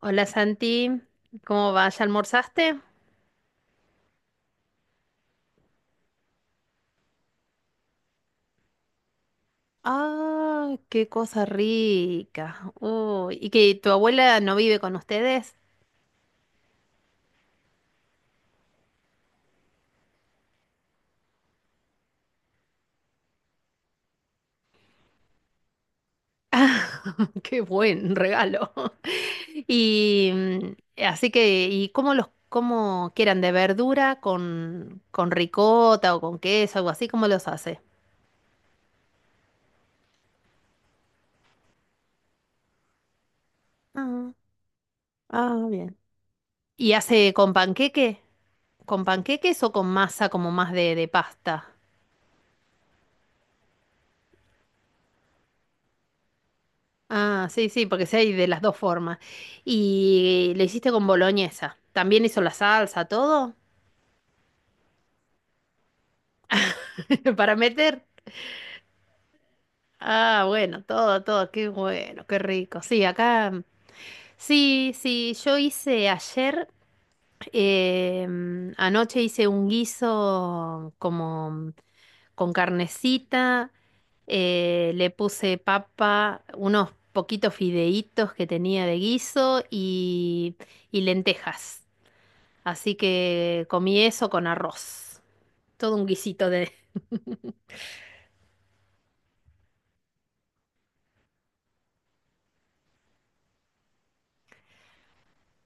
Hola Santi, ¿cómo vas? ¿Ya almorzaste? Ah, qué cosa rica. Uy, ¿y que tu abuela no vive con ustedes? Qué buen regalo. Y así que, ¿y cómo quieran de verdura con ricota o con queso, algo así? ¿Cómo los hace? Ah, ah, bien. ¿Y hace con panqueque? ¿Con panqueques o con masa como más de pasta? Ah, sí, sí, porque sí hay de las dos formas. Y lo hiciste con boloñesa. ¿También hizo la salsa, todo? ¿Para meter? Ah, bueno, todo, todo. Qué bueno, qué rico. Sí, acá. Mm. Sí, sí, yo hice ayer, anoche hice un guiso como con carnecita. Le puse papa, unos poquitos fideitos que tenía de guiso y lentejas. Así que comí eso con arroz. Todo un guisito de.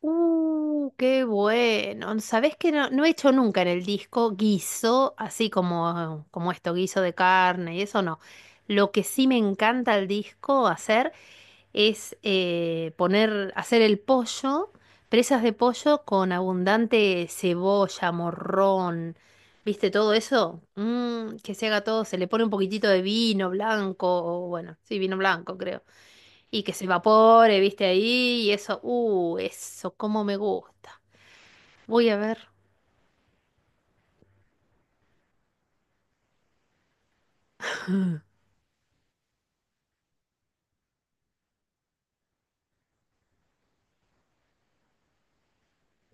¡ Qué bueno! ¿Sabés que no he hecho nunca en el disco guiso, así como esto, guiso de carne y eso no. Lo que sí me encanta al disco hacer es hacer el pollo, presas de pollo con abundante cebolla, morrón, ¿viste todo eso? Que se haga todo, se le pone un poquitito de vino blanco, o bueno, sí, vino blanco creo. Y que se evapore, viste ahí, y eso, eso, cómo me gusta. Voy a ver,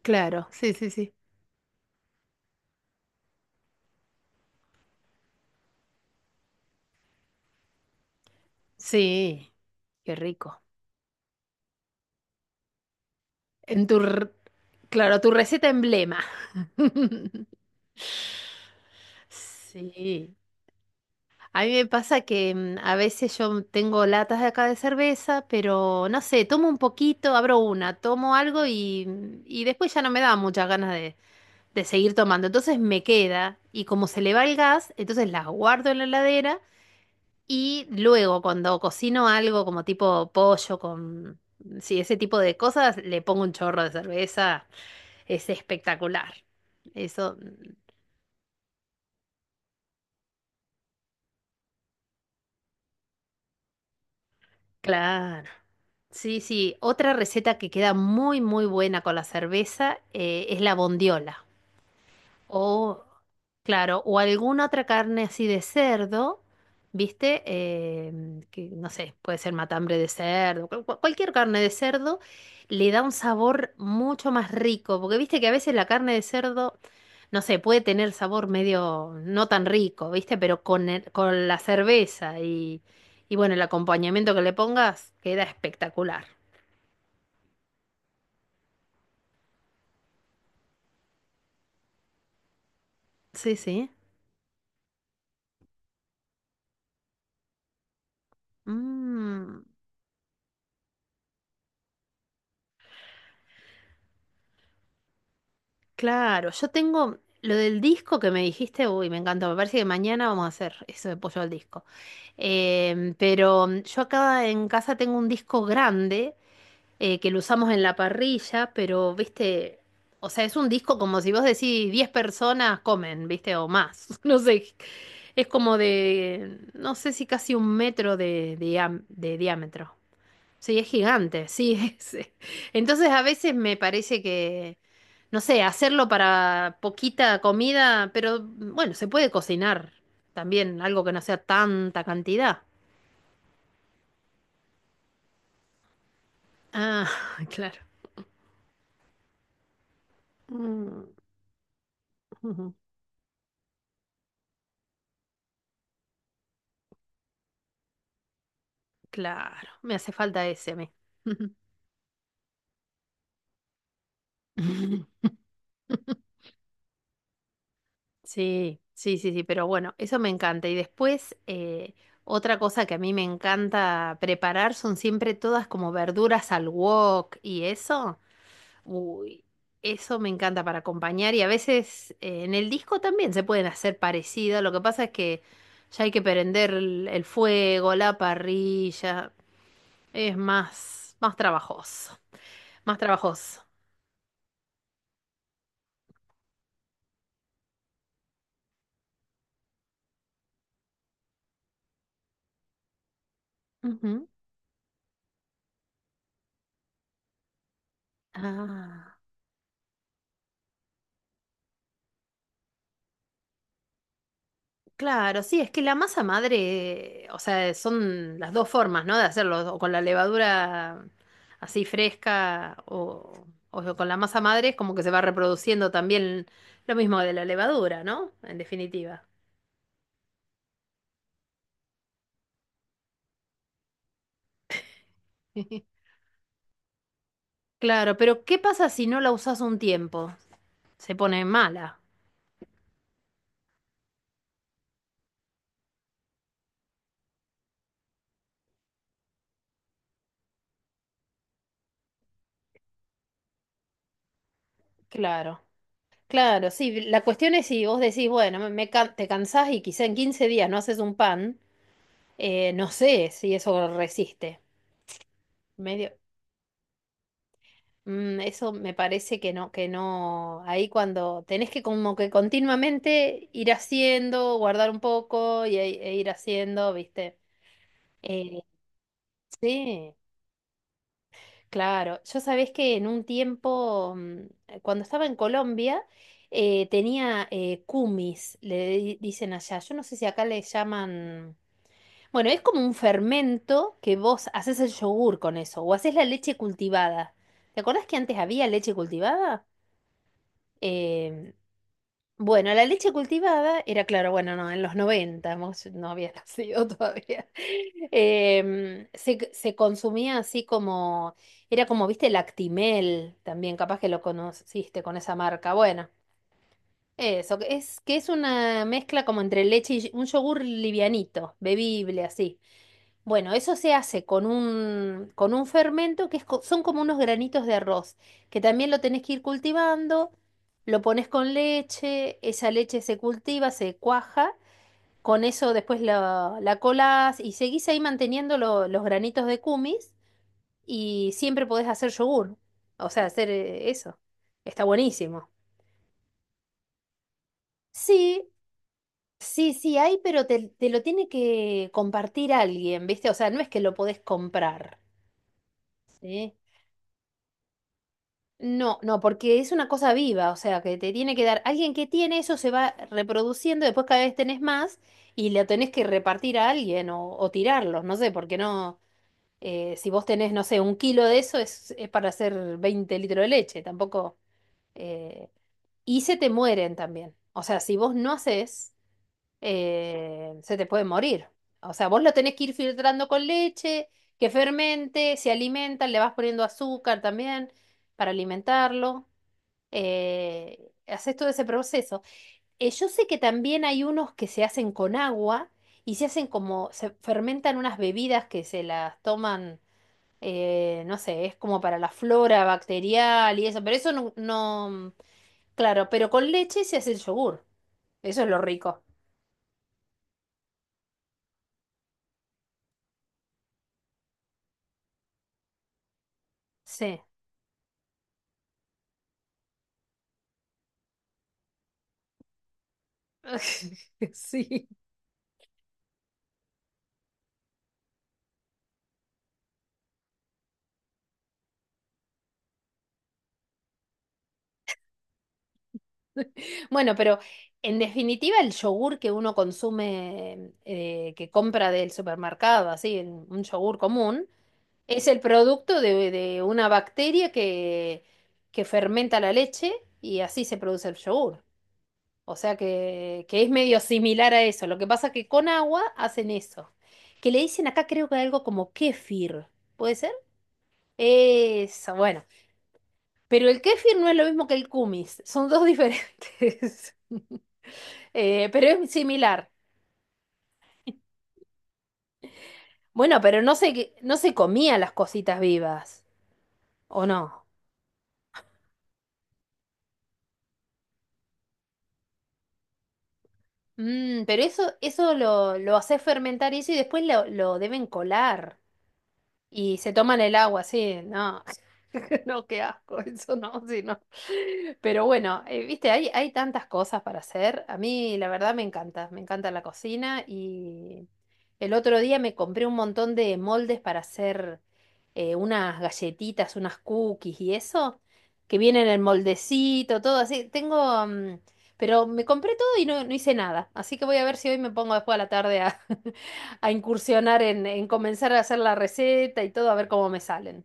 claro, sí, sí, sí. Sí, qué rico. En tu, r- claro, tu receta emblema. Sí. A mí me pasa que a veces yo tengo latas de acá de cerveza, pero no sé, tomo un poquito, abro una, tomo algo y después ya no me da muchas ganas de seguir tomando. Entonces me queda y como se le va el gas, entonces las guardo en la heladera. Y luego, cuando cocino algo como tipo pollo con, sí, ese tipo de cosas, le pongo un chorro de cerveza. Es espectacular. Eso, claro. Sí, sí. Otra receta que queda muy, muy buena con la cerveza, es la bondiola. O, claro, o alguna otra carne así de cerdo, ¿viste? Que no sé, puede ser matambre de cerdo, cualquier carne de cerdo le da un sabor mucho más rico, porque viste que a veces la carne de cerdo, no sé, puede tener sabor medio no tan rico, ¿viste? Pero con la cerveza y bueno, el acompañamiento que le pongas queda espectacular. Sí, sí. Mm. Claro, yo tengo lo del disco que me dijiste, uy, me encantó, me parece que mañana vamos a hacer eso de pollo al disco. Pero yo acá en casa tengo un disco grande que lo usamos en la parrilla, pero, viste, o sea, es un disco como si vos decís 10 personas comen, viste, o más, no sé, es como de, no sé si casi 1 metro de diámetro. Sí, es gigante, sí. es- Entonces a veces me parece que, no sé, hacerlo para poquita comida, pero bueno, se puede cocinar también, algo que no sea tanta cantidad. Ah, claro. Mm. Ujú. Claro, me hace falta ese a mí. Sí, sí, sí, sí, pero bueno, eso me encanta. Y después, otra cosa que a mí me encanta preparar son siempre todas como verduras al wok y eso. Uy, eso me encanta para acompañar y a veces en el disco también se pueden hacer parecidas. Lo que pasa es que ya hay que prender el fuego, la parrilla. Es más, más trabajoso. Más trabajoso. Ujú. Ah. Claro, sí, es que la masa madre, o sea, son las dos formas, ¿no? De hacerlo, o con la levadura así fresca o con la masa madre, es como que se va reproduciendo también lo mismo de la levadura, ¿no? En definitiva. Claro, pero ¿qué pasa si no la usas un tiempo? Se pone mala. Claro, claro, sí. La cuestión es si vos decís, bueno, te cansás y quizá en 15 días no haces un pan, no sé si eso resiste. Medio. Eso me parece que no, que no. Ahí cuando tenés que como que continuamente ir haciendo, guardar un poco y, e ir haciendo, ¿viste? Eh, sí, claro. Yo sabés que en un tiempo, cuando estaba en Colombia, tenía cumis, dicen allá. Yo no sé si acá le llaman. Bueno, es como un fermento que vos haces el yogur con eso, o haces la leche cultivada. ¿Te acordás que antes había leche cultivada? Em, Bueno, la leche cultivada era, claro, bueno, no, en los 90 vos no había nacido todavía. Se consumía así como, era como, viste, lactimel, también capaz que lo conociste con esa marca. Bueno, eso, que es una mezcla como entre leche y un yogur livianito, bebible, así. Bueno, eso se hace con un, fermento que son como unos granitos de arroz, que también lo tenés que ir cultivando, lo pones con leche, esa leche se cultiva, se cuaja, con eso después la colás y seguís ahí manteniendo los granitos de kumis y siempre podés hacer yogur, o sea, hacer eso. Está buenísimo. Sí, sí, sí, hay, pero te lo tiene que compartir alguien, ¿viste? O sea, no es que lo podés comprar. ¿Sí? No, no, porque es una cosa viva, o sea, que te tiene que dar, alguien que tiene eso se va reproduciendo, después cada vez tenés más y la tenés que repartir a alguien o tirarlos, no sé, porque no, si vos tenés, no sé, 1 kilo de eso es para hacer 20 litros de leche, tampoco, eh, y se te mueren también, o sea, si vos no haces, se te puede morir, o sea, vos lo tenés que ir filtrando con leche, que fermente, se alimenta, le vas poniendo azúcar también para alimentarlo haces todo ese proceso. Yo sé que también hay unos que se hacen con agua y se hacen como, se fermentan unas bebidas que se las toman, no sé, es como para la flora bacterial y eso, pero eso no, no, claro, pero con leche se hace el yogur. Eso es lo rico. Sí. Sí. Bueno, pero en definitiva el yogur que uno consume, que compra del supermercado, así, en un yogur común. Es el producto de una bacteria que fermenta la leche y así se produce el yogur. O sea que es medio similar a eso. Lo que pasa es que con agua hacen eso. Que le dicen acá creo que algo como kéfir. ¿Puede ser? Eso, bueno. Pero el kéfir no es lo mismo que el kumis. Son dos diferentes. Pero es similar. Bueno, pero no se comían las cositas vivas. ¿O no? Pero eso, lo hace fermentar eso y después lo deben colar. Y se toman el agua, sí, no. No, qué asco, eso no, sí, no. Pero bueno, viste, hay tantas cosas para hacer. A mí, la verdad, me encanta la cocina y el otro día me compré un montón de moldes para hacer unas galletitas, unas cookies y eso, que vienen en moldecito, todo así. Tengo, pero me compré todo y no, no hice nada. Así que voy a ver si hoy me pongo después a la tarde a, a incursionar en, comenzar a hacer la receta y todo, a ver cómo me salen.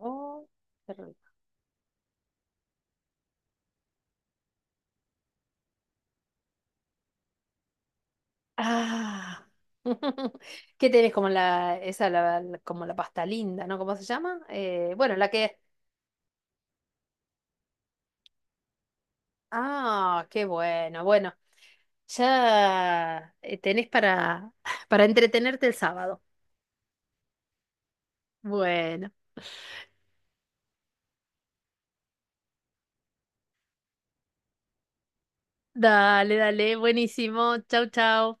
Oh, qué rico. Ah, ¿qué tenés como la, esa, como la pasta linda, ¿no? ¿Cómo se llama? Bueno, la que. Ah, qué bueno, bueno, ya tenés para, para entretenerte el sábado. Bueno, dale, dale, buenísimo, chau, chau.